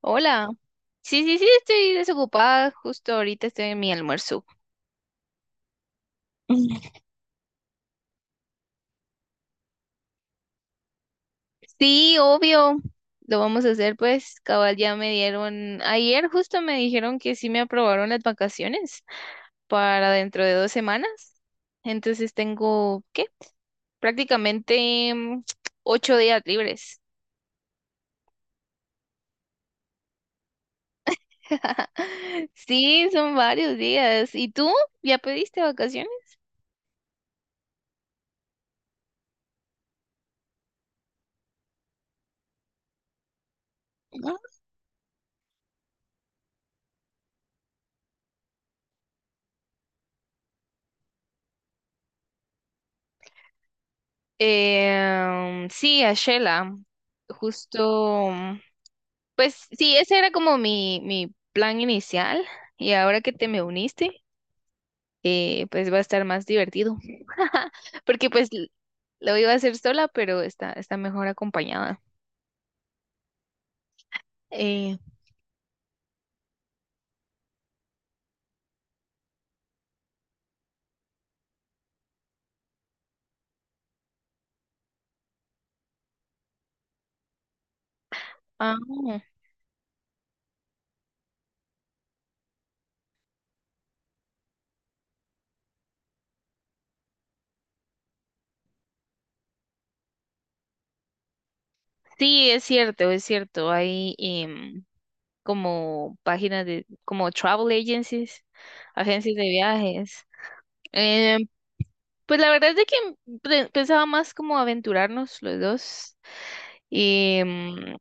Hola. Sí, sí, sí, estoy desocupada. Justo ahorita estoy en mi almuerzo. Sí, obvio. Lo vamos a hacer, pues, cabal, ya me dieron, ayer justo me dijeron que sí me aprobaron las vacaciones para dentro de 2 semanas. Entonces tengo, ¿qué? Prácticamente 8 días libres. Sí, son varios días. ¿Y tú? ¿Ya pediste vacaciones? Sí, a Shela. Justo. Pues sí, ese era como mi plan inicial y ahora que te me uniste, pues va a estar más divertido. Porque pues lo iba a hacer sola, pero está mejor acompañada. Eh, ah, sí, es cierto, es cierto. Hay como páginas de, como travel agencies, agencias de viajes. Em, pues la verdad es de que pensaba más como aventurarnos los dos. em,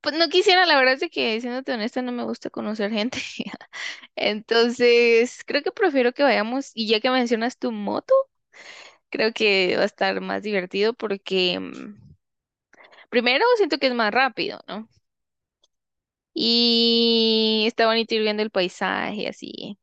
Pues no quisiera, la verdad es de que, siéndote honesta, no me gusta conocer gente. Entonces, creo que prefiero que vayamos, y ya que mencionas tu moto, creo que va a estar más divertido porque primero siento que es más rápido, ¿no? Y está bonito ir viendo el paisaje así.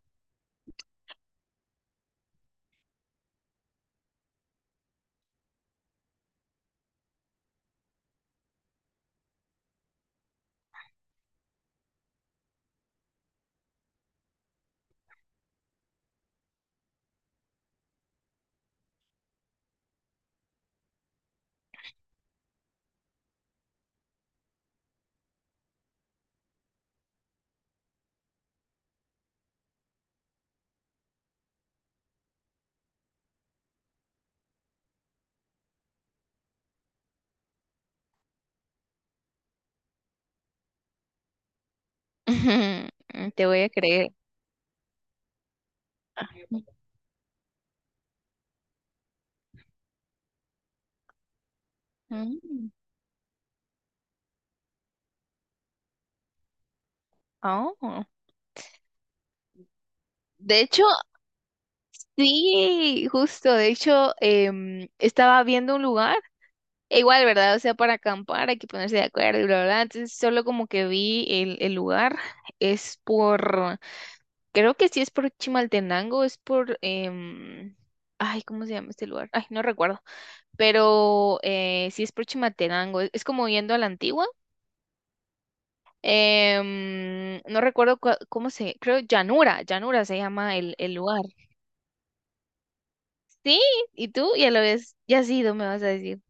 Te voy a creer. Mm. Oh. De hecho, sí, justo, de hecho, estaba viendo un lugar. E igual, ¿verdad? O sea, para acampar hay que ponerse de acuerdo y bla, bla, bla. Entonces, solo como que vi el lugar, es por, creo que sí es por Chimaltenango, es por, ay, ¿cómo se llama este lugar? Ay, no recuerdo, pero sí es por Chimaltenango, es como yendo a la antigua. No recuerdo cómo se, creo Llanura, Llanura se llama el lugar. Sí, ¿y tú? Ya lo ves, ya has ido, me vas a decir.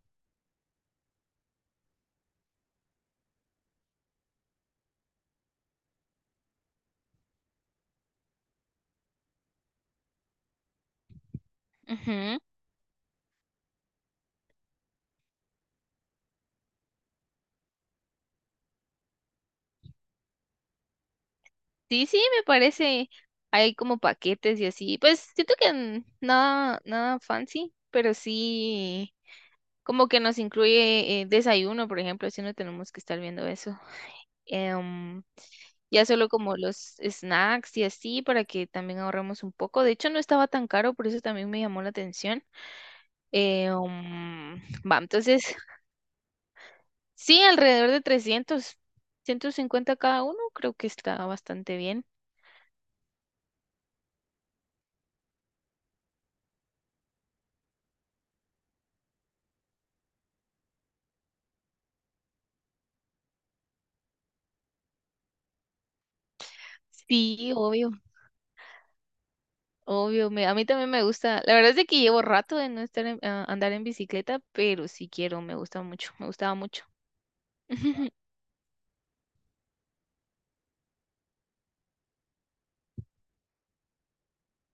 Sí, sí, me parece. Hay como paquetes y así. Pues siento que nada, nada fancy, pero sí como que nos incluye desayuno, por ejemplo, si no tenemos que estar viendo eso. Em, ya solo como los snacks y así para que también ahorremos un poco. De hecho, no estaba tan caro, por eso también me llamó la atención. Eh, um, va, entonces, sí, alrededor de 300, 150 cada uno, creo que está bastante bien. Sí, obvio. Obvio, a mí también me gusta. La verdad es de que llevo rato de no estar andar en bicicleta, pero sí quiero, me gusta mucho, me gustaba mucho.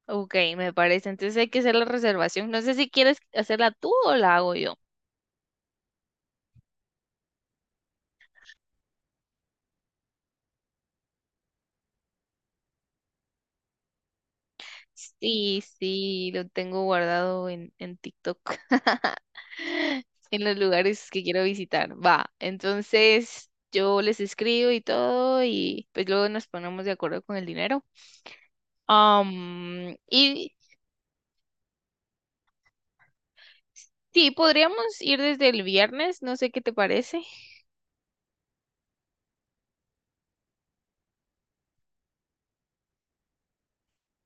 Ok, me parece. Entonces hay que hacer la reservación. No sé si quieres hacerla tú o la hago yo. Sí, sí, lo tengo guardado en TikTok, en los lugares que quiero visitar. Va, entonces yo les escribo y todo y pues luego nos ponemos de acuerdo con el dinero. Am, y Sí, podríamos ir desde el viernes, no sé qué te parece.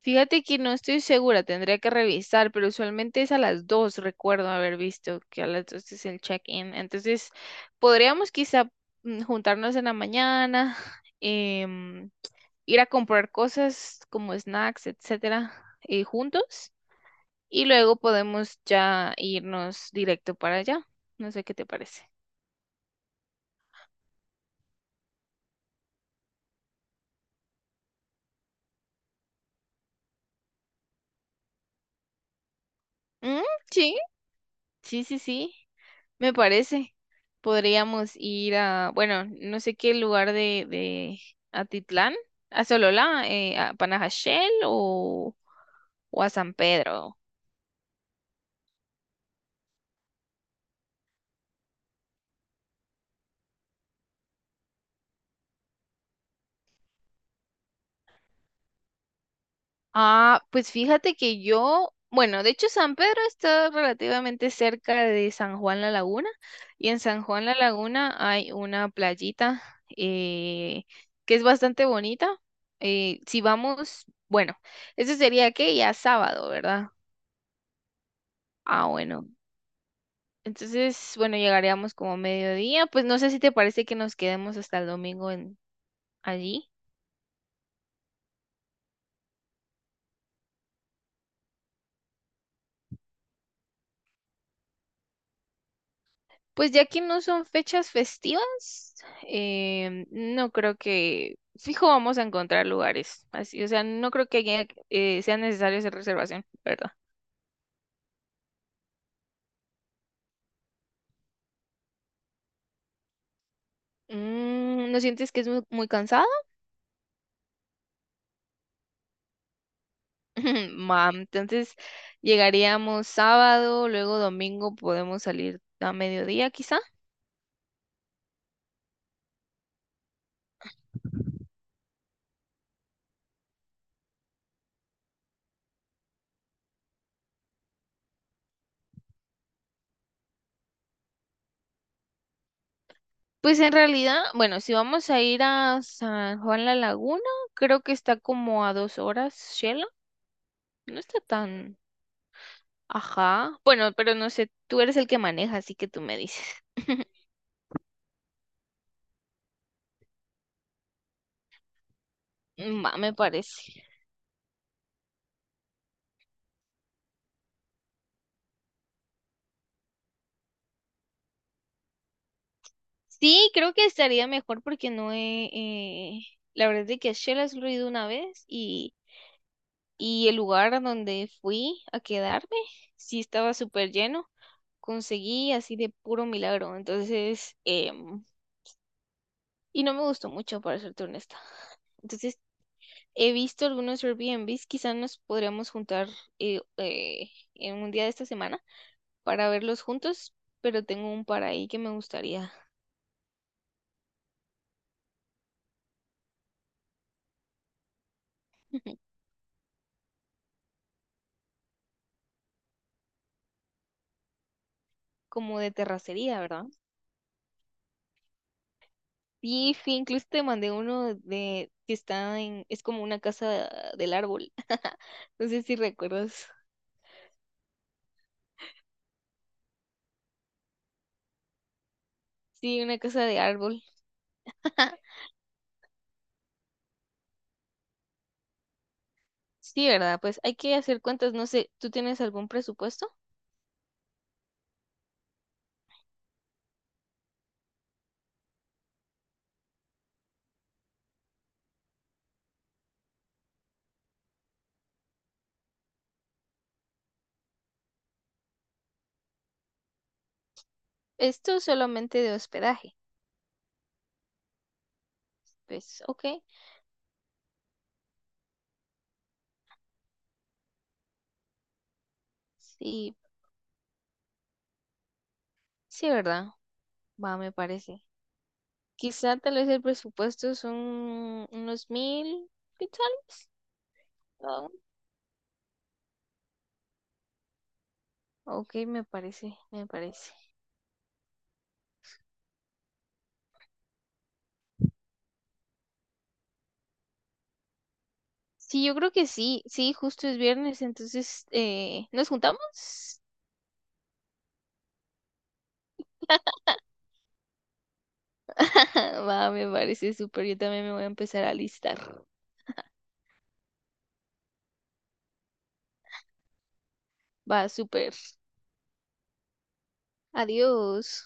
Fíjate que no estoy segura, tendría que revisar, pero usualmente es a las 2, recuerdo haber visto que a las 2 es el check-in. Entonces, podríamos quizá juntarnos en la mañana, em, ir a comprar cosas como snacks, etcétera, juntos, y luego podemos ya irnos directo para allá. No sé qué te parece. Mm, sí, sí, sí, sí. Me parece. Podríamos ir a, bueno, no sé qué lugar de Atitlán, a Sololá, a Panajachel o a San Pedro. Ah, pues fíjate que yo, bueno, de hecho San Pedro está relativamente cerca de San Juan La Laguna y en San Juan La Laguna hay una playita eh, que es bastante bonita. Si vamos, bueno, eso sería que ya sábado, ¿verdad? Ah, bueno. Entonces, bueno, llegaríamos como a mediodía. Pues no sé si te parece que nos quedemos hasta el domingo en, allí. Pues ya que no son fechas festivas, no creo que, fijo, vamos a encontrar lugares así. O sea, no creo que sea necesario hacer reservación, ¿verdad? Mm, ¿no sientes que es muy, muy cansado? Mam, entonces llegaríamos sábado, luego domingo podemos salir a mediodía quizá. Pues en realidad, bueno, si vamos a ir a San Juan La Laguna, creo que está como a 2 horas, Shela. No está tan... Ajá. Bueno, pero no sé, tú eres el que maneja, así que tú me dices. Va, me parece. Sí, creo que estaría mejor porque no he... la verdad es de que a Shela solo he ido una vez y el lugar a donde fui a quedarme, sí estaba súper lleno. Conseguí así de puro milagro. Entonces, y no me gustó mucho, para serte honesta. Entonces, he visto algunos Airbnbs, quizás nos podríamos juntar en un día de esta semana para verlos juntos, pero tengo un para ahí que me gustaría, como de terracería, ¿verdad? Y sí, incluso te mandé uno de que está en, es como una casa del árbol. No sé si recuerdas. Sí, una casa de árbol. Sí, ¿verdad? Pues hay que hacer cuentas, no sé, ¿tú tienes algún presupuesto? Esto solamente de hospedaje. Pues, ok, sí, sí, ¿verdad? Va, me parece. Quizá tal vez el presupuesto son unos mil, quizá. ¿No? Ok, me parece, me parece. Sí, yo creo que sí, sí, justo es viernes, entonces, ¿nos juntamos? Va, me parece súper, yo también me voy a empezar a listar. Va, súper. Adiós.